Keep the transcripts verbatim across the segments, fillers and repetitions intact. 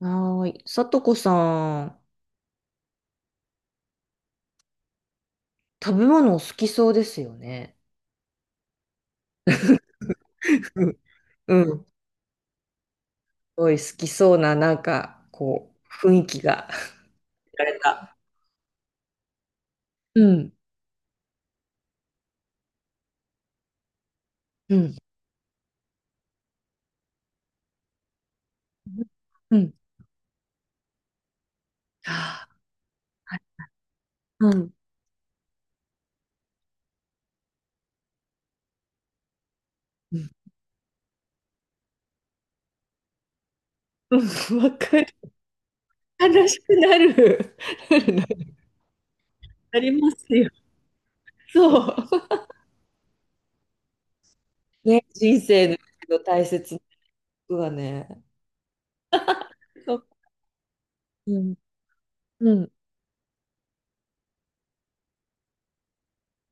はーい。さとこさん、食べ物お好きそうですよね。うんうん。すごい好きそうな、なんか、こう、雰囲気が。られた。うん。うん。うん。はあうん。うんうんわかる。悲しくなる。なりますよ。そう。ね、人生の大切なことはね。そう。うん。うん。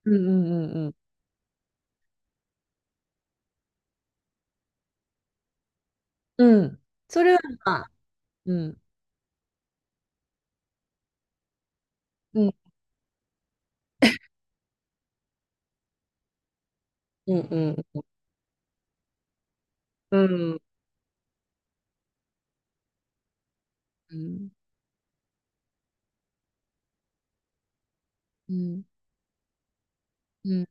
うんうんうんうん。うん。それはまあ、うん。うんうんうん。うん。うんうん、うん、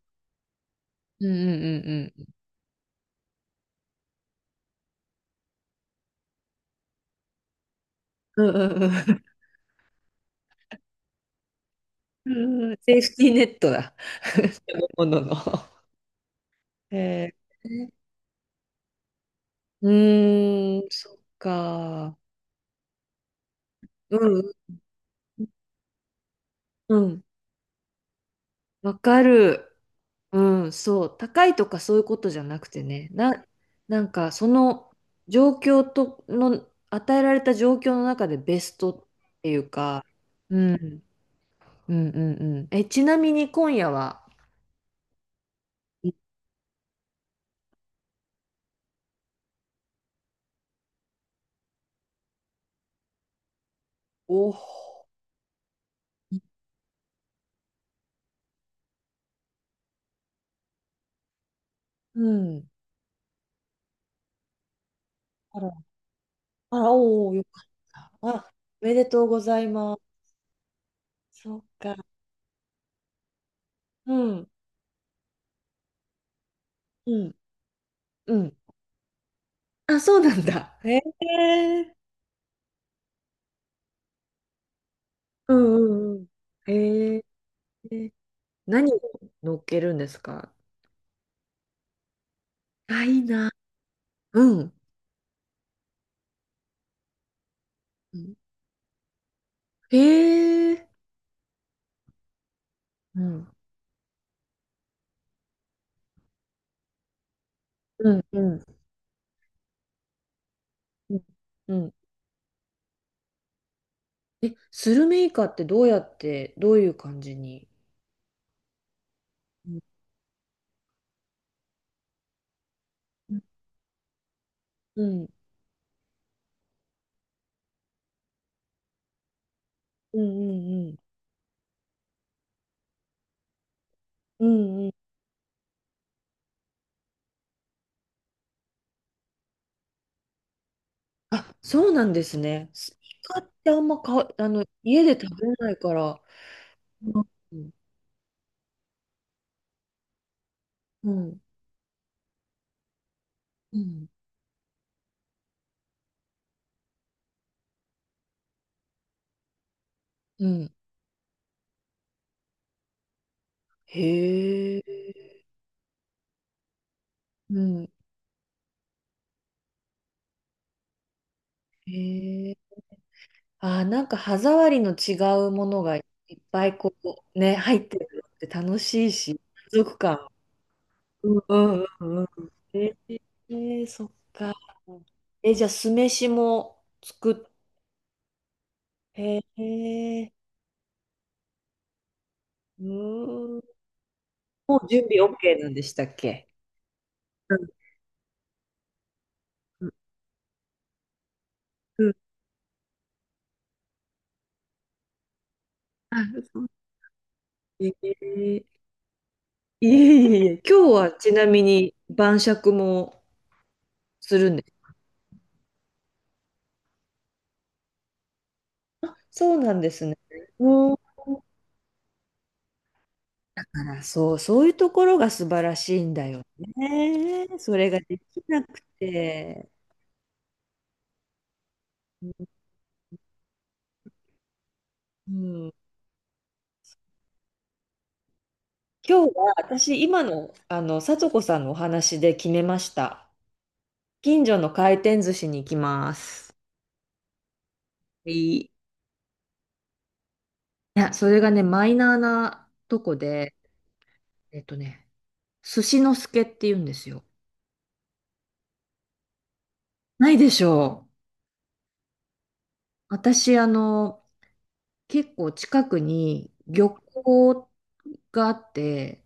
うん、うん、うん。うんうんうん。うんセーフティーネットだ。食べ物の。えー、うーん、そっか。うん、うん、わかる。うん、そう。高いとかそういうことじゃなくてね。な、なんか、その状況との、与えられた状況の中でベストっていうか、うん、うん、うん、うん。え、ちなみに今夜は、お、うん。あら、おお、よかった。あ、おめでとうございます。そうか。うん、うん、うん。あ、そうなんだ。へえ。うんうんうん。へえ。何を乗っけるんですか？あ、いいな。うん。うんへえ。うん。うんうんうん。うん。え、スルメイカってどうやって、どういう感じに。うんうんうんうんうんうんうん、あ、そうなんですね。スイカってあんまか、あの、家で食べないから。うん。うん。うん。うんへえ。うん。へえ。あー、なんか歯触りの違うものがいっぱいこう、ね、入ってるのって楽しいし、満足感。うんうんうんうん。えー、そっか。え、じゃあ酢飯も作っ、へえ。うーん。もう準備 OK なんでしたっけ？うんうん、あ、そうえーいえいえいえ、今日はちなみに晩酌もするんですか？あ、そうなんですね。うん。あら、そう、そういうところが素晴らしいんだよね。それができなくて。うん。今日は私、今の、あの、聡子さんのお話で決めました。近所の回転寿司に行きます。いい。いや、それがね、マイナーなとこで、えっとね、寿司の助って言うんですよ。ないでしょう。私、あの、結構近くに漁港があって、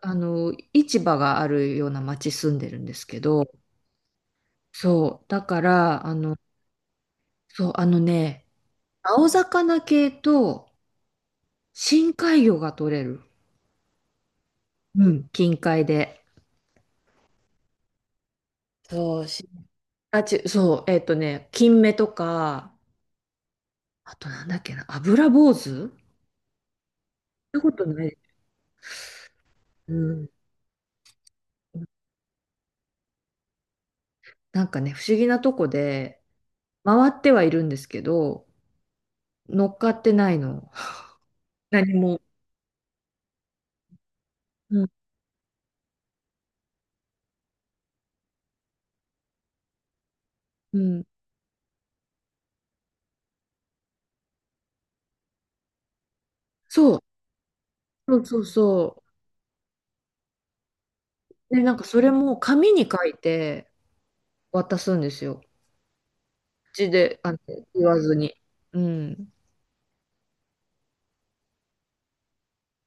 あの、市場があるような町住んでるんですけど、そう、だから、あの、そう、あのね、青魚系と深海魚が取れる。うん、近海で。そう、しあ、ち、そう、えっとね、金目とか、あとなんだっけな、油坊主ってことない。うん。なんかね、不思議なとこで、回ってはいるんですけど、乗っかってないの。何も。うん。うん。そう。そうそうそう。で、なんかそれも紙に書いて渡すんですよ。口で、あの、言わずに。うん。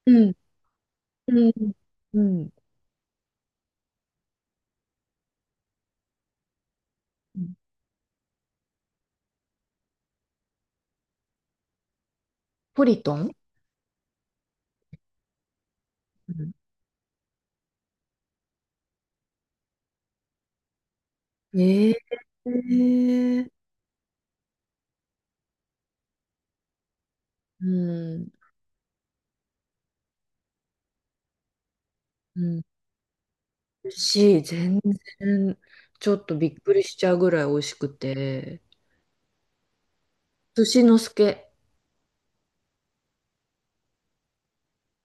うん。うん。うん。うんポリトンうんええー。うん。うん。しい、全然、ちょっとびっくりしちゃうぐらい美味しくて。寿司のすけ。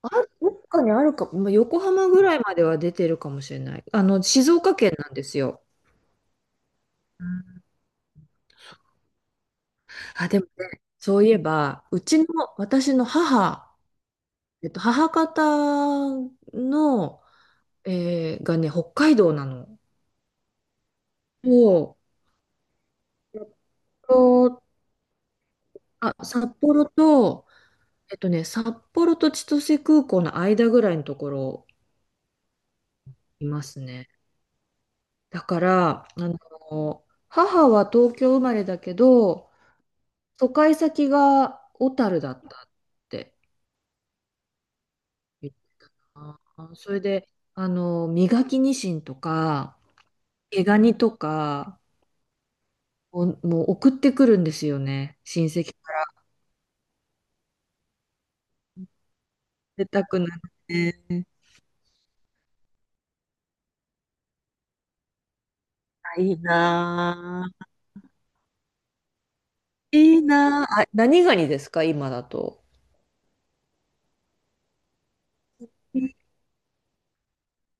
あ、どっかにあるか、まあ、横浜ぐらいまでは出てるかもしれない。あの、静岡県なんですよ。うん、あ、でもね、そういえば、うちの、私の母、えっと、母方の、えーがね、北海道なの。そう。えっと、あ、札幌と、えっとね、札幌と千歳空港の間ぐらいのところいますね。だから、あの、母は東京生まれだけど、疎開先が小樽だったって言ったな。それで、あの、磨きニシンとか、毛ガニとかを、もう送ってくるんですよね。親戚から。出たくなって。あいいなぁいいなああ、何ガニですか、今だと？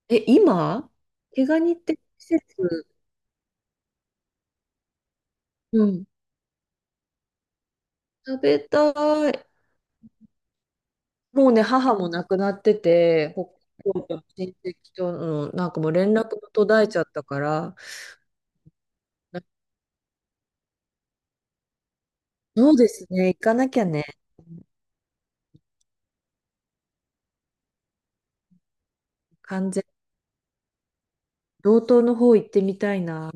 え、今毛ガニって季節、うん、食べたい。もうね、母も亡くなってて、北海道の親戚との、なんかもう連絡も途絶えちゃったから、なそうですね、行かなきゃね、完全、道東の方行ってみたいな。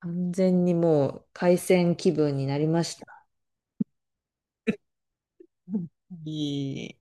完全にもう、海鮮気分になりました。いい。